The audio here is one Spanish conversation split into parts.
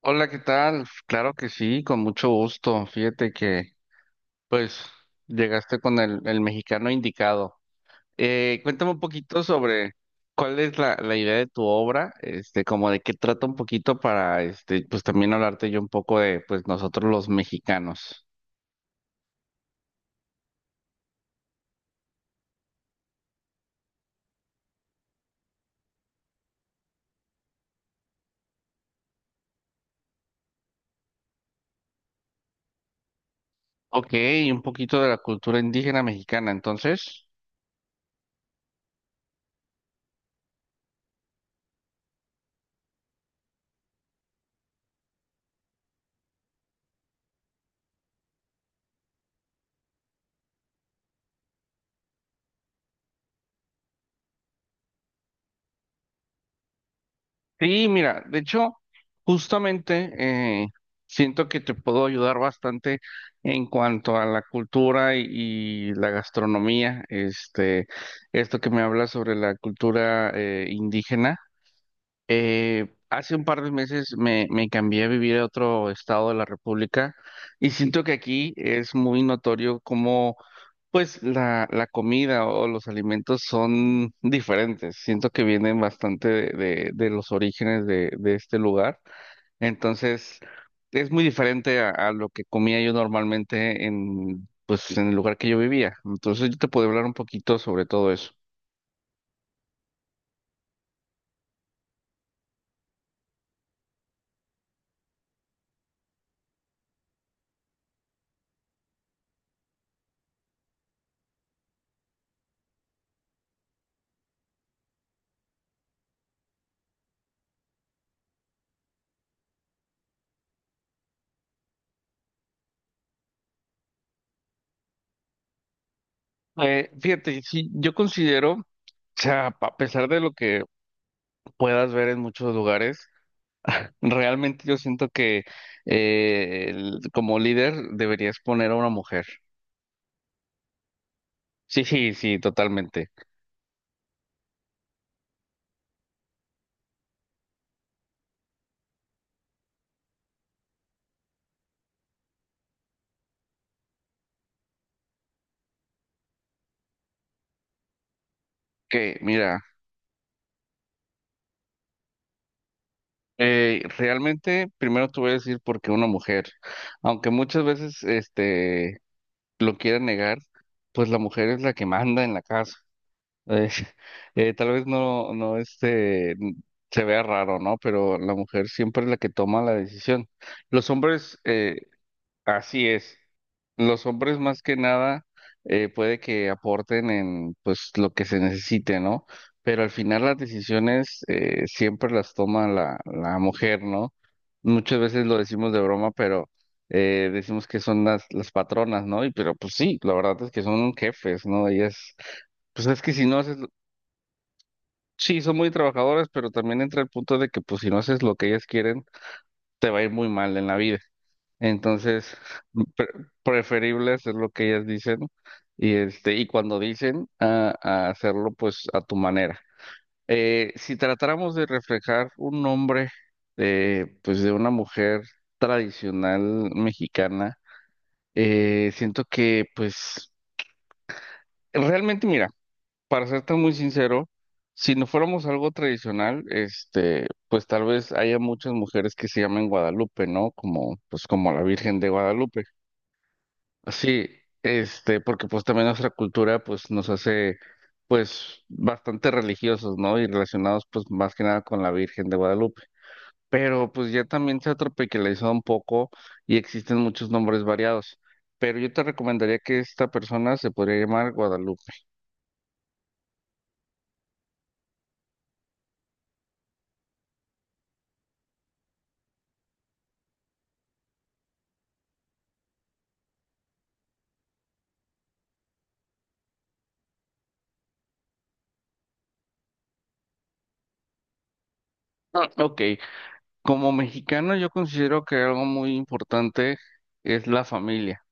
Hola, ¿qué tal? Claro que sí, con mucho gusto. Fíjate que, pues, llegaste con el mexicano indicado. Cuéntame un poquito sobre cuál es la idea de tu obra, este, como de qué trata un poquito para, este, pues también hablarte yo un poco de, pues, nosotros los mexicanos. Ok, un poquito de la cultura indígena mexicana, entonces. Sí, mira, de hecho, justamente eh, siento que te puedo ayudar bastante en cuanto a la cultura y la gastronomía. Este, esto que me hablas sobre la cultura indígena. Hace un par de meses me cambié a vivir a otro estado de la República y siento que aquí es muy notorio cómo pues la comida o los alimentos son diferentes. Siento que vienen bastante de, de los orígenes de este lugar. Entonces es muy diferente a lo que comía yo normalmente en pues en el lugar que yo vivía. Entonces yo te puedo hablar un poquito sobre todo eso. Fíjate, sí, yo considero, o sea, a pesar de lo que puedas ver en muchos lugares. Realmente yo siento que como líder deberías poner a una mujer. Sí, sí, sí, totalmente. Que mira, realmente primero te voy a decir por qué una mujer, aunque muchas veces este lo quieran negar, pues la mujer es la que manda en la casa. Eh, tal vez no, no este se vea raro, ¿no? Pero la mujer siempre es la que toma la decisión. Los hombres así es. Los hombres más que nada puede que aporten en pues lo que se necesite, ¿no? Pero al final las decisiones siempre las toma la mujer, ¿no? Muchas veces lo decimos de broma, pero decimos que son las patronas, ¿no? Y pero pues sí, la verdad es que son jefes, ¿no? Ellas, pues es que si no haces, sí, son muy trabajadoras, pero también entra el punto de que pues si no haces lo que ellas quieren, te va a ir muy mal en la vida. Entonces, pre- preferible hacer lo que ellas dicen y este y cuando dicen a hacerlo pues a tu manera. Si tratáramos de reflejar un nombre de pues de una mujer tradicional mexicana, siento que pues realmente mira, para serte muy sincero, si no fuéramos algo tradicional, este, pues tal vez haya muchas mujeres que se llamen Guadalupe, ¿no? Como pues como la Virgen de Guadalupe. Sí, este, porque pues también nuestra cultura pues nos hace pues bastante religiosos, ¿no? Y relacionados pues más que nada con la Virgen de Guadalupe. Pero pues ya también se ha tropicalizado un poco y existen muchos nombres variados. Pero yo te recomendaría que esta persona se podría llamar Guadalupe. Ah, ok, como mexicano yo considero que algo muy importante es la familia.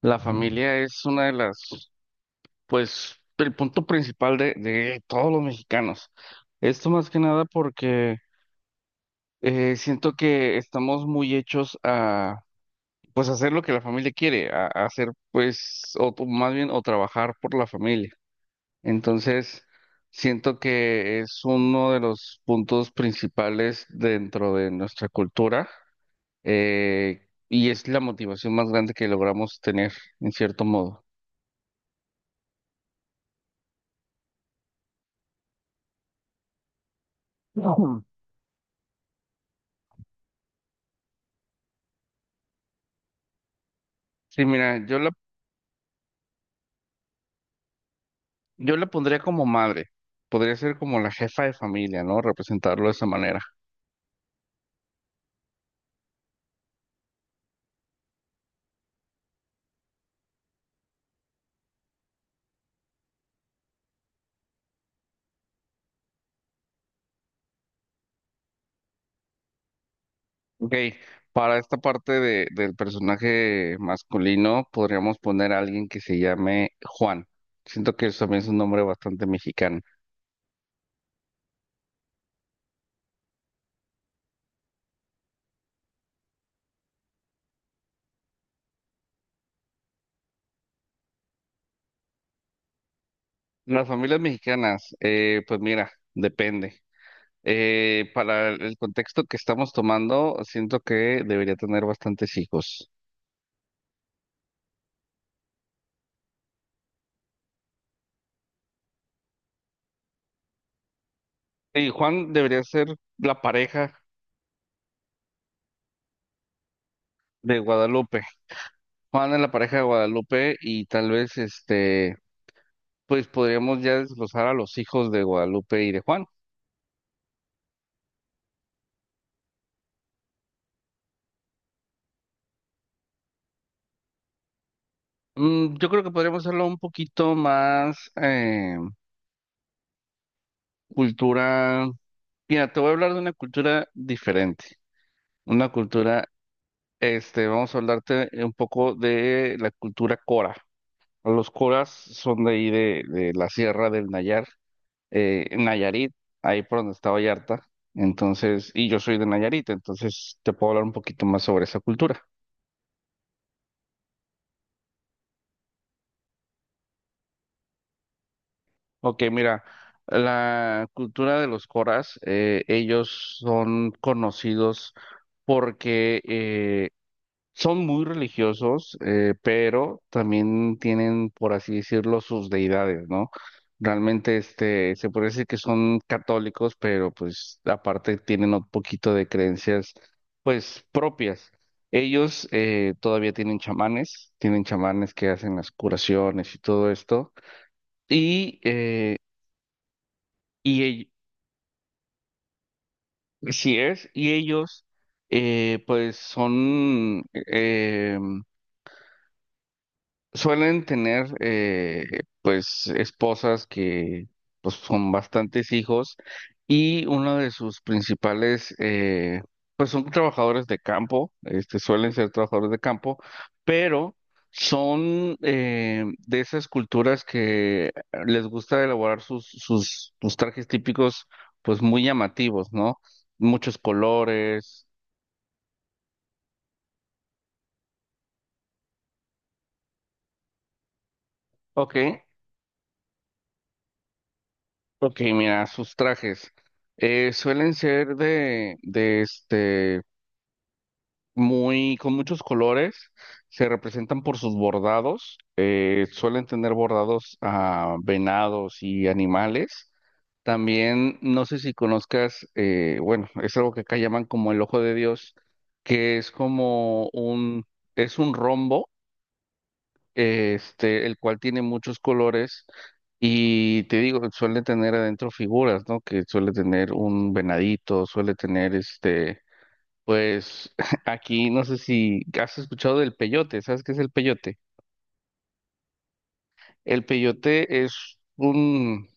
La familia es una de las pues el punto principal de todos los mexicanos. Esto más que nada porque siento que estamos muy hechos a pues hacer lo que la familia quiere, a hacer pues, o más bien, o trabajar por la familia. Entonces, siento que es uno de los puntos principales dentro de nuestra cultura y es la motivación más grande que logramos tener, en cierto modo. Ujú. Sí, mira, yo la yo le pondría como madre, podría ser como la jefa de familia, ¿no? Representarlo de esa manera. Ok, para esta parte de, del personaje masculino podríamos poner a alguien que se llame Juan. Siento que eso también es un nombre bastante mexicano. Las familias mexicanas, pues mira, depende. Para el contexto que estamos tomando, siento que debería tener bastantes hijos. Y Juan debería ser la pareja de Guadalupe. Juan es la pareja de Guadalupe y tal vez este, pues podríamos ya desglosar a los hijos de Guadalupe y de Juan. Yo creo que podríamos hacerlo un poquito más cultura. Mira, te voy a hablar de una cultura diferente. Una cultura, este, vamos a hablarte un poco de la cultura cora. Los coras son de ahí de la Sierra del Nayar en Nayarit, ahí por donde está Vallarta. Entonces, y yo soy de Nayarit, entonces te puedo hablar un poquito más sobre esa cultura. Ok, mira, la cultura de los coras, ellos son conocidos porque son muy religiosos, pero también tienen, por así decirlo, sus deidades, ¿no? Realmente, este, se puede decir que son católicos, pero pues aparte tienen un poquito de creencias, pues propias. Ellos todavía tienen chamanes que hacen las curaciones y todo esto. Y, y ell- así es, y ellos, pues son, suelen tener, pues, esposas que, pues, son bastantes hijos y uno de sus principales, pues, son trabajadores de campo, este, suelen ser trabajadores de campo, pero son de esas culturas que les gusta elaborar sus, sus, sus trajes típicos, pues, muy llamativos, ¿no? Muchos colores. Ok. Ok, mira, sus trajes suelen ser de este, muy, con muchos colores, se representan por sus bordados, suelen tener bordados a venados y animales. También, no sé si conozcas, bueno, es algo que acá llaman como el ojo de Dios, que es como un, es un rombo este, el cual tiene muchos colores y te digo, suele tener adentro figuras, ¿no? Que suele tener un venadito, suele tener este, pues aquí no sé si has escuchado del peyote, ¿sabes qué es el peyote? El peyote es un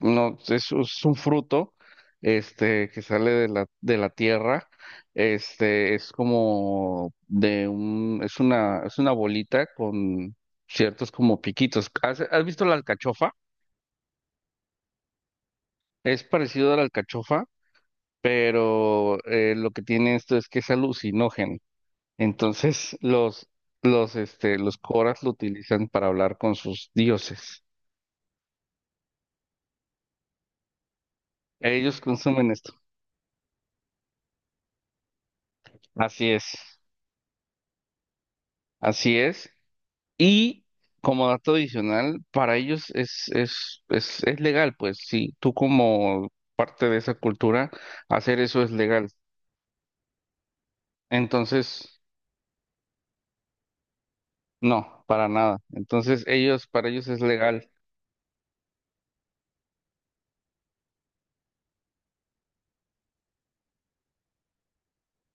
no, es un fruto, este, que sale de la tierra, este, es como de un, es una bolita con ciertos como piquitos. ¿Has, has visto la alcachofa? Es parecido a la alcachofa, pero lo que tiene esto es que es alucinógeno. Entonces, los, este, los coras lo utilizan para hablar con sus dioses. Ellos consumen esto. Así es, así es. Y como dato adicional, para ellos es legal, pues si tú como parte de esa cultura, hacer eso es legal. Entonces, no, para nada. Entonces, ellos, para ellos es legal.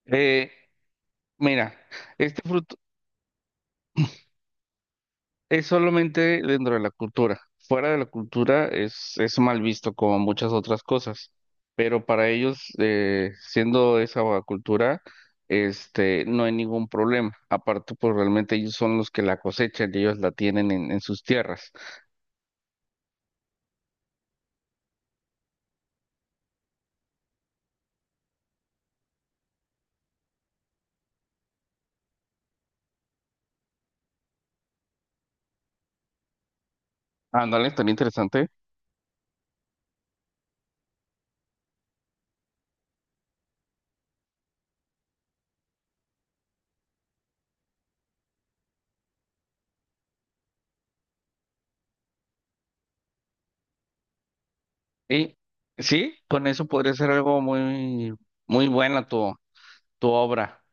Eh, Mira, este fruto es solamente dentro de la cultura. Fuera de la cultura es mal visto como muchas otras cosas. Pero para ellos, siendo esa cultura, este, no hay ningún problema. Aparte, pues realmente ellos son los que la cosechan y ellos la tienen en sus tierras. Ándale, tan interesante. Y sí, con eso podría ser algo muy, muy buena tu, tu obra.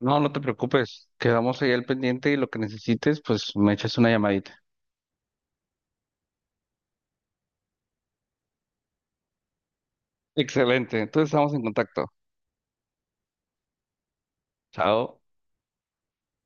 No, no te preocupes. Quedamos ahí al pendiente y lo que necesites, pues me echas una llamadita. Excelente. Entonces estamos en contacto. Chao.